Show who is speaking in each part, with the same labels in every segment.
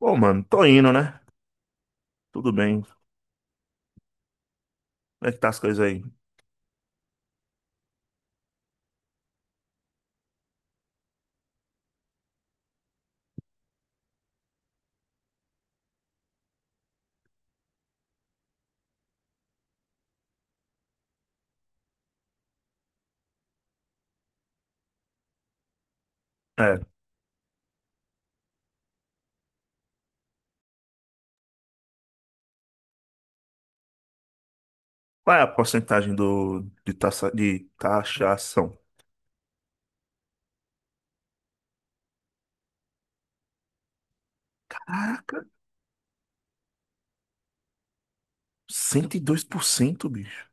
Speaker 1: Bom, mano, tô indo, né? Tudo bem. Como é que tá as coisas aí? É, qual é a porcentagem de taxa, de taxação? Caraca, 102%, bicho.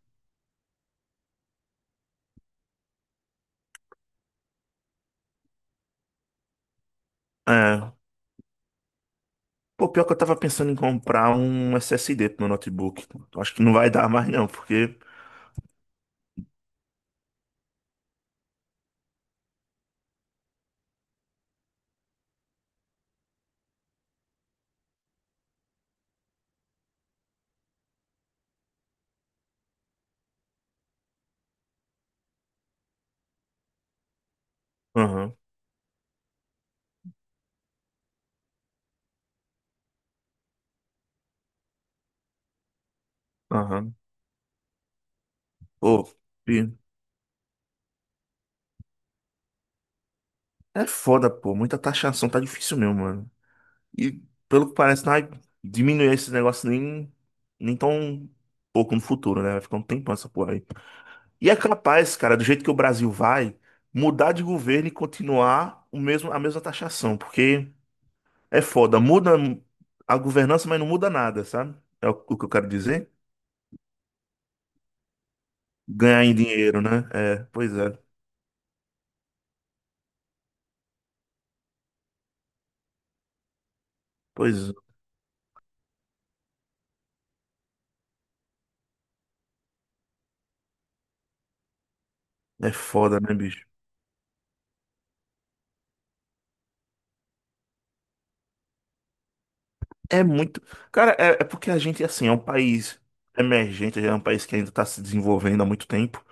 Speaker 1: É, pô, pior que eu tava pensando em comprar um SSD pro meu notebook. Eu acho que não vai dar mais não, porque... Aham, aham. Pô, e- É foda, pô. Muita taxação, tá difícil mesmo, mano. E pelo que parece, não vai diminuir esse negócio nem tão pouco no futuro, né? Vai ficar um tempão essa porra. E é capaz, cara, do jeito que o Brasil vai, mudar de governo e continuar o mesmo, a mesma taxação, porque é foda, muda a governança, mas não muda nada, sabe? É o que eu quero dizer? Ganhar em dinheiro, né? É, pois é, pois é, foda, né, bicho? É muito. Cara, é porque a gente, assim, é um país emergente, é um país que ainda tá se desenvolvendo há muito tempo.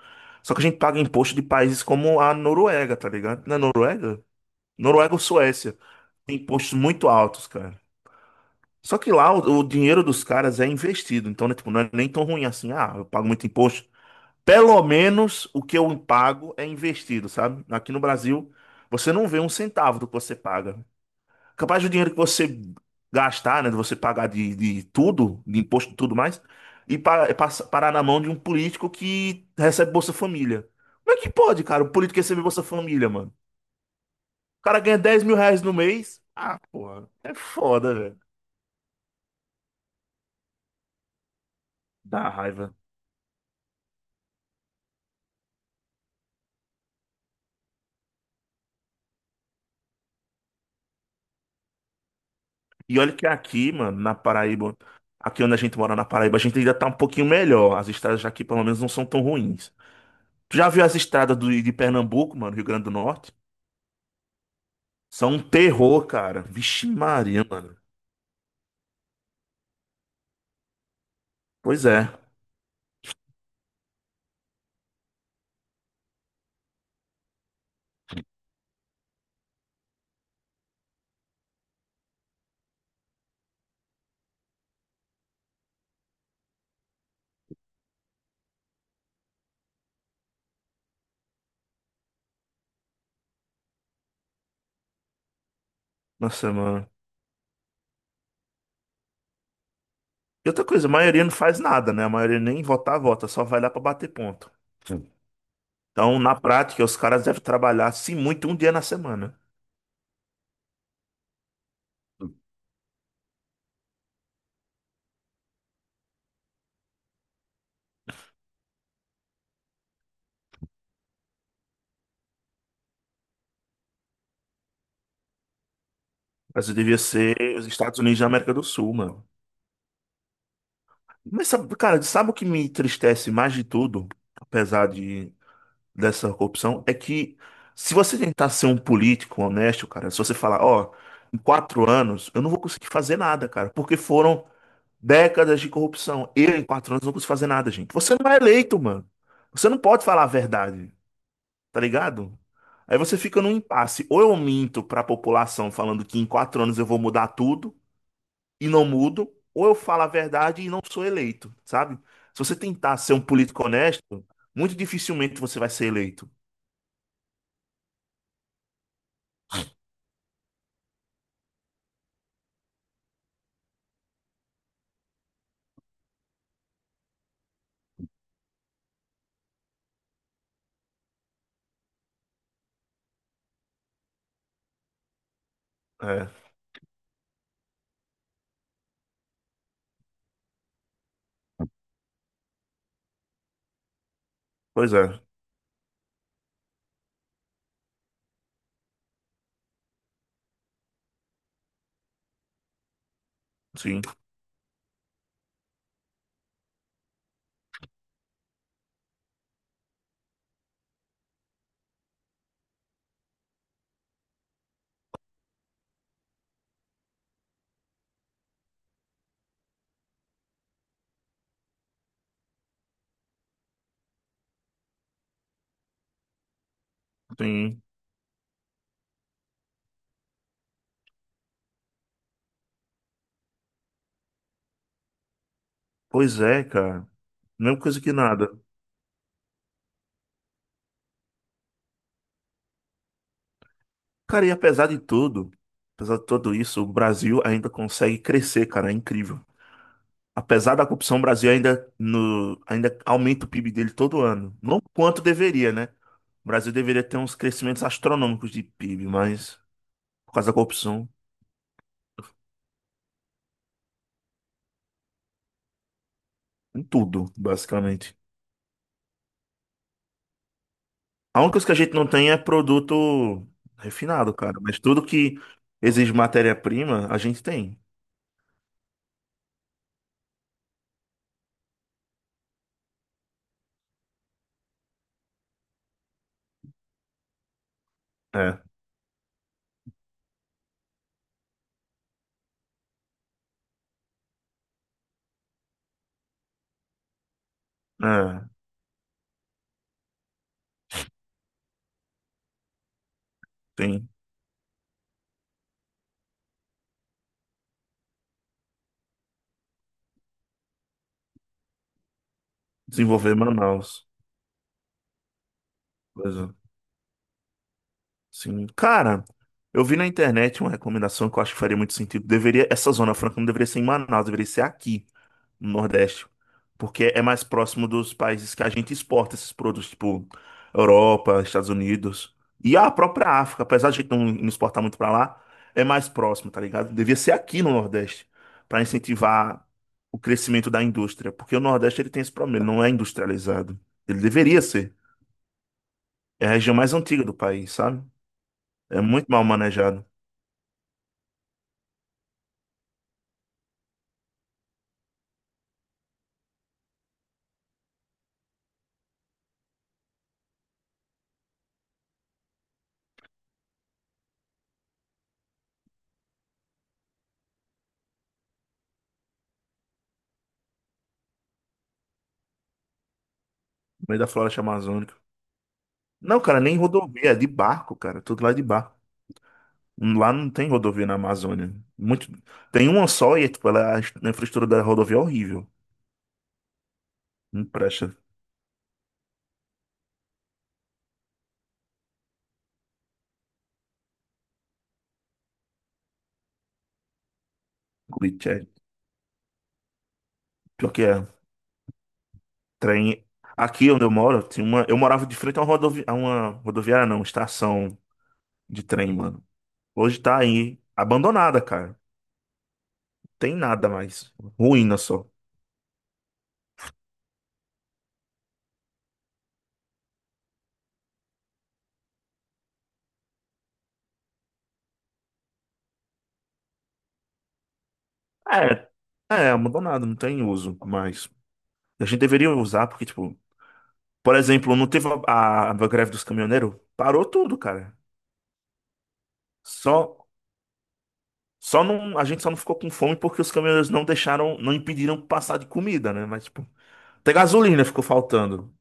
Speaker 1: Só que a gente paga imposto de países como a Noruega, tá ligado? Na Noruega? Noruega ou Suécia. Tem impostos muito altos, cara. Só que lá o dinheiro dos caras é investido, então, né, tipo, não é nem tão ruim assim. Ah, eu pago muito imposto. Pelo menos o que eu pago é investido, sabe? Aqui no Brasil, você não vê um centavo do que você paga. Capaz do dinheiro que você gastar, né, de você pagar de tudo, de imposto e tudo mais, e parar na mão de um político que recebe Bolsa Família. Como é que pode, cara, o político receber Bolsa Família, mano? O cara ganha 10 mil reais no mês. Ah, porra, é foda, velho. Dá raiva. E olha que aqui, mano, na Paraíba, aqui onde a gente mora na Paraíba, a gente ainda tá um pouquinho melhor. As estradas aqui, pelo menos, não são tão ruins. Tu já viu as estradas de Pernambuco, mano, Rio Grande do Norte? São um terror, cara. Vixe Maria, mano. Pois é. Nossa, mano. E outra coisa, a maioria não faz nada, né? A maioria nem votar, vota, só vai lá pra bater ponto. Sim. Então, na prática, os caras devem trabalhar, se muito, um dia na semana. Mas devia ser os Estados Unidos da América do Sul, mano. Mas sabe, cara, sabe o que me entristece mais de tudo, apesar de dessa corrupção, é que se você tentar ser um político honesto, cara, se você falar, ó, em 4 anos eu não vou conseguir fazer nada, cara, porque foram décadas de corrupção. Eu, em 4 anos, não consigo fazer nada, gente. Você não é eleito, mano. Você não pode falar a verdade, tá ligado? Aí você fica num impasse. Ou eu minto pra população falando que em 4 anos eu vou mudar tudo e não mudo, ou eu falo a verdade e não sou eleito, sabe? Se você tentar ser um político honesto, muito dificilmente você vai ser eleito. É, pois é. Sim, sim. Pois é, cara. Mesma coisa que nada. Cara, apesar de tudo isso, o Brasil ainda consegue crescer, cara. É incrível. Apesar da corrupção, o Brasil ainda, no, ainda aumenta o PIB dele todo ano. Não quanto deveria, né? O Brasil deveria ter uns crescimentos astronômicos de PIB, mas por causa da corrupção. Em tudo, basicamente. A única coisa que a gente não tem é produto refinado, cara. Mas tudo que exige matéria-prima, a gente tem. É, é, tem. Desenvolver Manaus. Coisa assim. Cara, eu vi na internet uma recomendação que eu acho que faria muito sentido. Deveria, essa Zona Franca não deveria ser em Manaus, deveria ser aqui no Nordeste, porque é mais próximo dos países que a gente exporta esses produtos, tipo Europa, Estados Unidos e a própria África, apesar de a gente não exportar muito pra lá, é mais próximo, tá ligado? Devia ser aqui no Nordeste pra incentivar o crescimento da indústria, porque o Nordeste ele tem esse problema, ele não é industrializado. Ele deveria ser. É a região mais antiga do país, sabe? É muito mal manejado, no meio da floresta amazônica. Não, cara, nem rodovia, é de barco, cara, tudo lá é de barco. Lá não tem rodovia na Amazônia. Muito... Tem uma só e tipo, ela, a infraestrutura da rodovia é horrível. Não presta. Curitiba. Pior que é. Trem. Aqui onde eu moro, tinha uma... eu morava de frente a uma rodovia... a uma rodoviária, não, estação de trem, mano. Hoje tá aí abandonada, cara. Tem nada mais. Ruína só. É, é abandonado, não tem uso mais. A gente deveria usar, porque, tipo, por exemplo, não teve a, a greve dos caminhoneiros? Parou tudo, cara. Só, Só não, a gente só não ficou com fome porque os caminhoneiros não deixaram, não impediram passar de comida, né? Mas, tipo, até gasolina ficou faltando.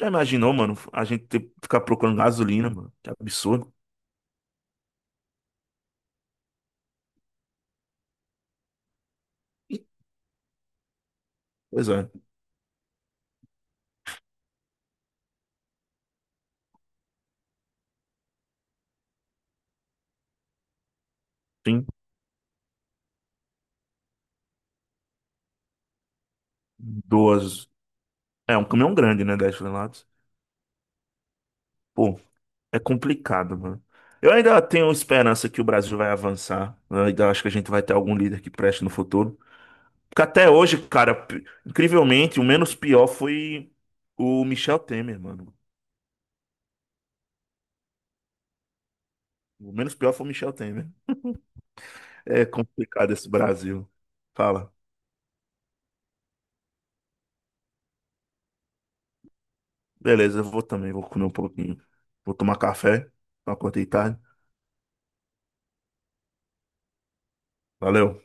Speaker 1: Já imaginou, mano? A gente ter, que ficar procurando gasolina, mano? Que absurdo. E, pois é, tem duas. É um caminhão grande, né? 10 toneladas. Pô, é complicado, mano. Eu ainda tenho esperança que o Brasil vai avançar. Eu ainda acho que a gente vai ter algum líder que preste no futuro. Porque até hoje, cara, incrivelmente, o menos pior foi o Michel Temer, mano. O menos pior foi o Michel Temer. É complicado esse Brasil. Fala. Beleza, eu vou também, vou comer um pouquinho. Vou tomar café. Acordei tarde. Valeu.